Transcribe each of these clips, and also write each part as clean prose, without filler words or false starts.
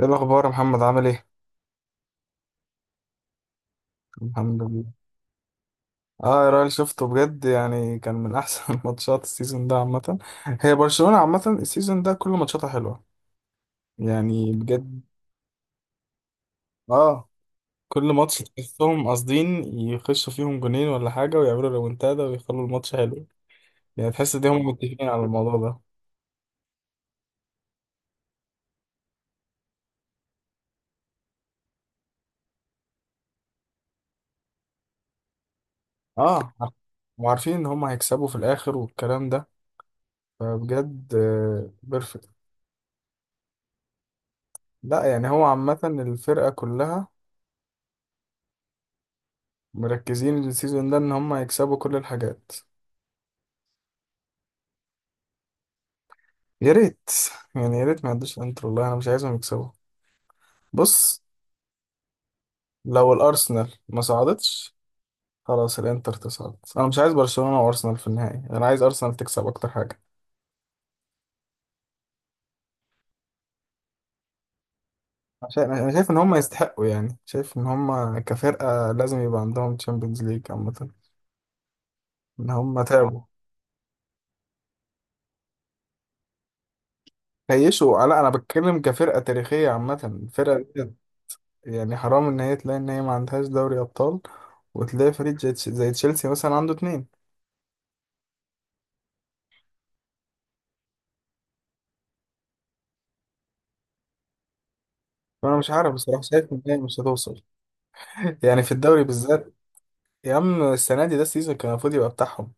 ايه الاخبار يا محمد، عامل ايه؟ الحمد لله. اه، يا راجل، شفته بجد. يعني كان من احسن ماتشات السيزون ده عامه. هي برشلونه عامه السيزون ده كل ماتشاتها حلوه. يعني بجد. اه. كل ماتش تحسهم قاصدين يخشوا فيهم جونين ولا حاجه ويعملوا ريمونتادا ويخلوا الماتش حلو. يعني تحس ان هم متفقين على الموضوع ده. اه وعارفين ان هم هيكسبوا في الاخر والكلام ده. فبجد بيرفكت. لا، يعني هو عامه الفرقه كلها مركزين السيزون ده ان هم يكسبوا كل الحاجات. يا ريت. يعني يا ريت ما يعدوش الانتر، والله انا مش عايزهم يكسبوا. بص. لو الارسنال ما صعدتش خلاص الانتر تصعد. انا مش عايز برشلونة وارسنال في النهائي، انا عايز ارسنال تكسب اكتر حاجة. عشان انا شايف ان هم يستحقوا، يعني شايف ان هم كفرقة لازم يبقى عندهم تشامبيونز ليج عامة. ان هم تعبوا. خيشوا؟ لا، انا بتكلم كفرقة تاريخية عامة الفرقة دي. يعني حرام ان هي تلاقي ان هي ما عندهاش دوري ابطال، وتلاقي فريق زي زي تشيلسي مثلا عنده اتنين. فانا مش عارف بصراحه، شايف ان هي مش هتوصل. يعني في الدوري بالذات. يا عم، السنه دي ده السيزون كان المفروض يبقى بتاعهم.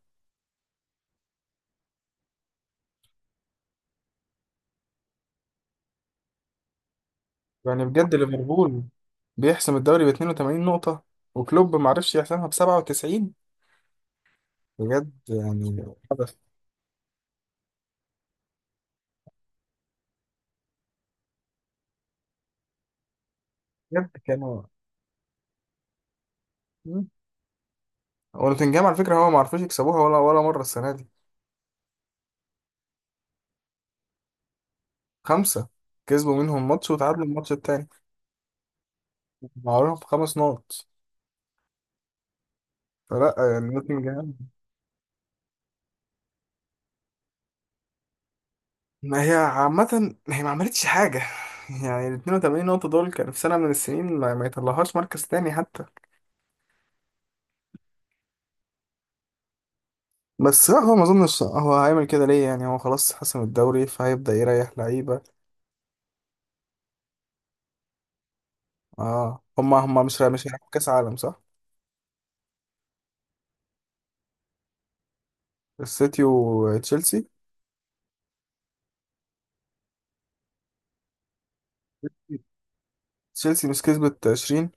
يعني بجد ليفربول بيحسم الدوري ب 82 نقطه، وكلوب ما عرفش يحسمها ب 97. بجد يعني حدث. بجد كانوا. مم. ونوتنجهام على فكره هو ما عرفوش يكسبوها ولا مره السنه دي. خمسه. كسبوا منهم ماتش وتعادلوا الماتش التاني. معاهم خمس نقط. فلا يعني نوتنجهام. ما هي عامة هي ما عملتش حاجة. يعني ال 82 نقطة دول كانوا في سنة من السنين ما يطلعهاش مركز تاني حتى. بس لا، هو ما اظنش هو هيعمل كده. ليه؟ يعني هو خلاص حسم الدوري فهيبدأ يريح لعيبة. اه هما مش هيلعبوا كأس عالم، صح؟ السيتي وتشيلسي. تشيلسي مش كسبت 20؟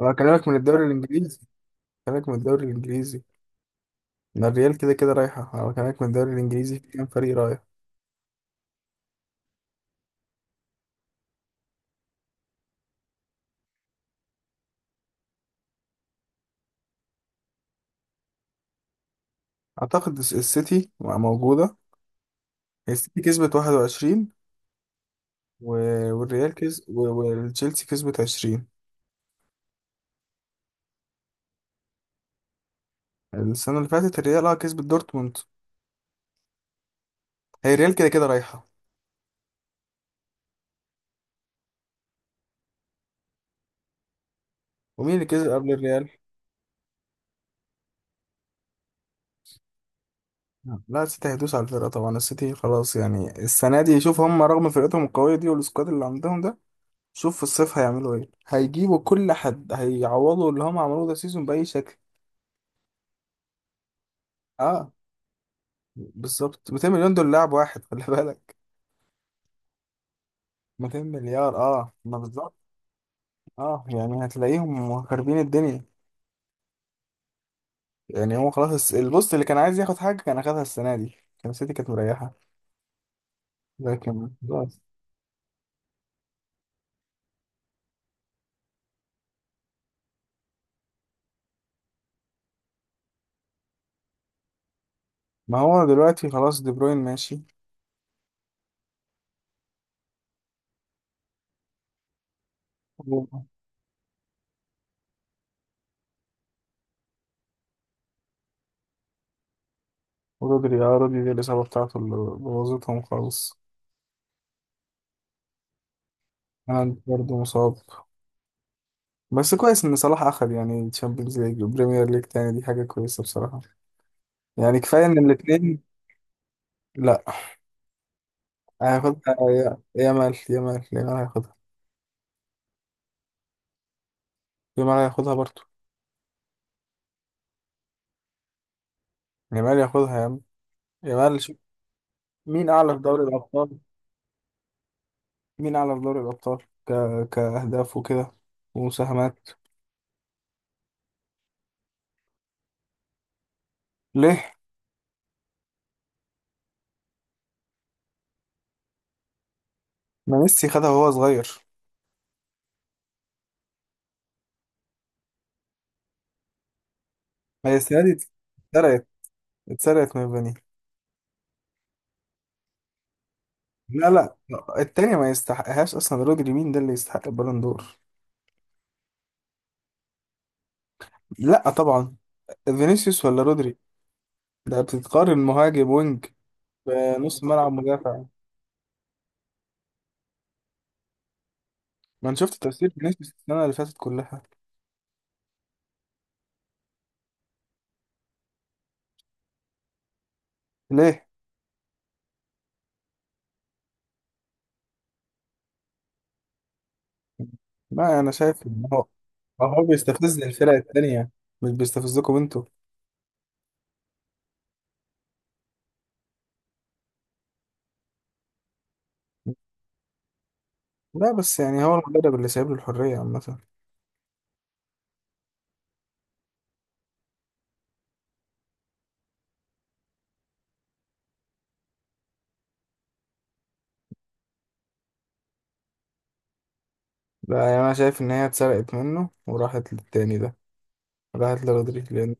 انا بكلمك من الدوري الانجليزي. بكلمك من الدوري الانجليزي. ما الريال كده كده رايحة، انا بكلمك من الدوري الانجليزي، في كام فريق رايح؟ اعتقد السيتي موجودة. السيتي كسبت 21، والريال كسب، والتشيلسي كسبت 20. السنة اللي فاتت الريال اه كسبت دورتموند. هي الريال كده كده رايحة. ومين اللي كسب قبل الريال؟ لا، السيتي هيدوس على الفرقة طبعا. السيتي خلاص، يعني السنة دي شوف هم رغم فرقتهم القوية دي والسكواد اللي عندهم ده، شوف في الصيف هيعملوا ايه، هيجيبوا كل حد، هيعوضوا اللي هم عملوه ده سيزون بأي شكل. اه بالظبط. 200 مليون دول لاعب واحد خلي بالك. 200 مليار، اه، ما بالظبط. اه، يعني هتلاقيهم خاربين الدنيا. يعني هو خلاص البوست اللي كان عايز ياخد حاجة كان أخدها السنة دي. كان سيتي كانت مريحة. لكن خلاص. ما هو دلوقتي خلاص دي بروين ماشي. و- ورودري اه رودري دي الإصابة بتاعته اللي بوظتهم خالص. هالاند برضه مصاب. بس كويس إن صلاح أخد يعني تشامبيونز ليج وبريمير ليج تاني، دي حاجة كويسة بصراحة. يعني كفاية إن الاتنين. لأ. هياخدها يامال، يامال، يامال هياخدها. يامال هياخدها برضه. يامال ياخدها يا عم. يامال شوف. مين أعلى في دوري الأبطال؟ مين على في دوري الأبطال ك... كأهداف وكده، ومساهمات. ليه؟ ما ميسي خدها وهو صغير. ما هي السنة دي اتسرقت. اتسرقت من فاني. لا، لا. التانية ما يستحقهاش أصلا. رودري مين ده اللي يستحق البالون دور؟ لا طبعا. فينيسيوس ولا رودري؟ ده بتتقارن مهاجم وينج بنص ملعب مدافع؟ ما أنا شفت تفسير فينيسيوس السنة اللي فاتت كلها. ليه؟ لا، أنا شايف إن هو هو بيستفز الفرق التانية، مش بيستفزكم انتوا. لا بس يعني هو المدرب اللي سايب له الحرية عامة. لا، يعني أنا شايف إن هي اتسرقت منه وراحت للتاني ده. راحت لرودريج، لأن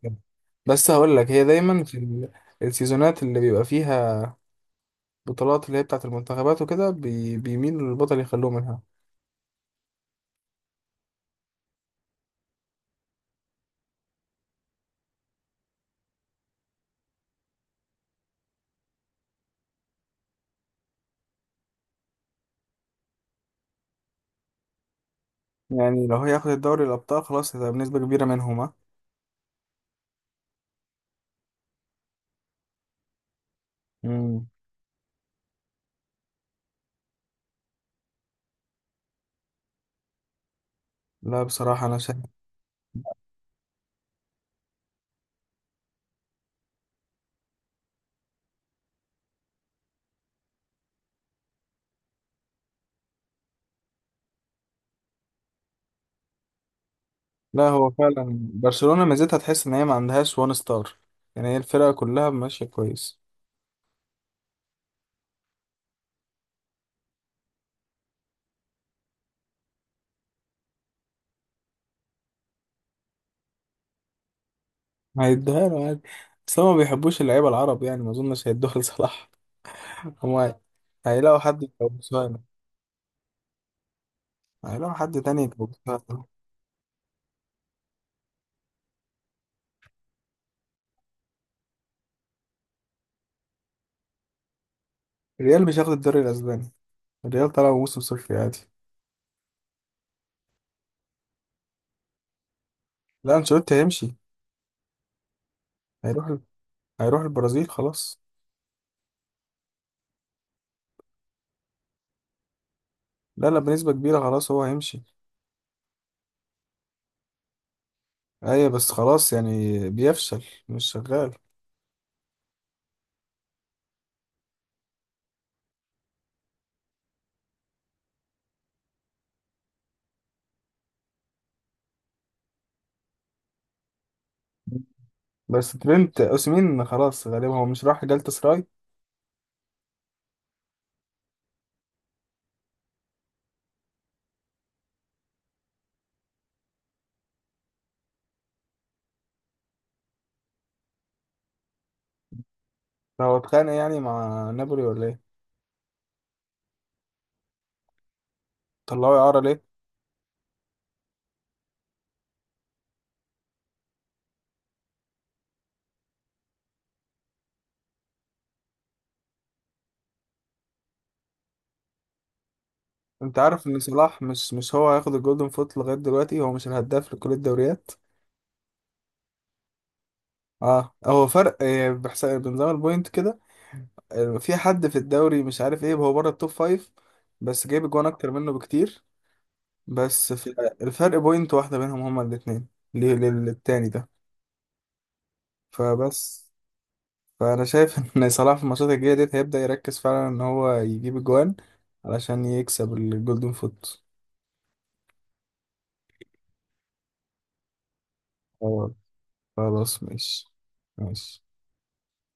بس هقول لك هي دايما في السيزونات اللي بيبقى فيها بطولات اللي هي بتاعة المنتخبات وكده بيميلوا للبطل يخلوه منها. يعني لو هياخد الدوري الأبطال خلاص هتبقى بنسبة كبيرة منهم ها. مم. لا، بصراحة أنا شايف. لا، هو فعلا. برشلونة ميزتها تحس إن هي ما عندهاش وان ستار. يعني هي الفرقة كلها ماشية كويس. هيدوها له عادي. بس هما ما بيحبوش اللعيبة العرب، يعني ما اظنش هيدوها لصلاح. هما هيلاقوا حد يكوبسوها له. هيلاقوا حد تاني يكوبسوها له. الريال مش هياخد الدوري الاسباني. الريال طلع موسم صفر عادي. لا، انشيلوتي هيمشي. هيروح ال... هيروح البرازيل خلاص. لا لا، بنسبة كبيرة خلاص هو هيمشي. ايوه بس خلاص يعني بيفشل. مش شغال. بس ترينت اوسيمين خلاص غالبا هو مش راح جالتا سراي. فهو اتخانق يعني مع نابولي ولا ايه؟ طلعوه اعارة ليه؟ انت عارف ان صلاح مش هو هياخد الجولدن فوت لغايه دلوقتي؟ هو مش الهداف لكل الدوريات. اه، هو فرق بحساب بنظام البوينت كده. في حد في الدوري مش عارف ايه هو بره التوب فايف، بس جايب جوان اكتر منه بكتير. بس في الفرق بوينت واحده بينهم هما الاثنين للتاني ده. فبس. فانا شايف ان صلاح في الماتشات الجايه ديت هيبدا يركز فعلا ان هو يجيب الجوان علشان يكسب الجولدن فوت. اه، خلاص ماشي. ماشي.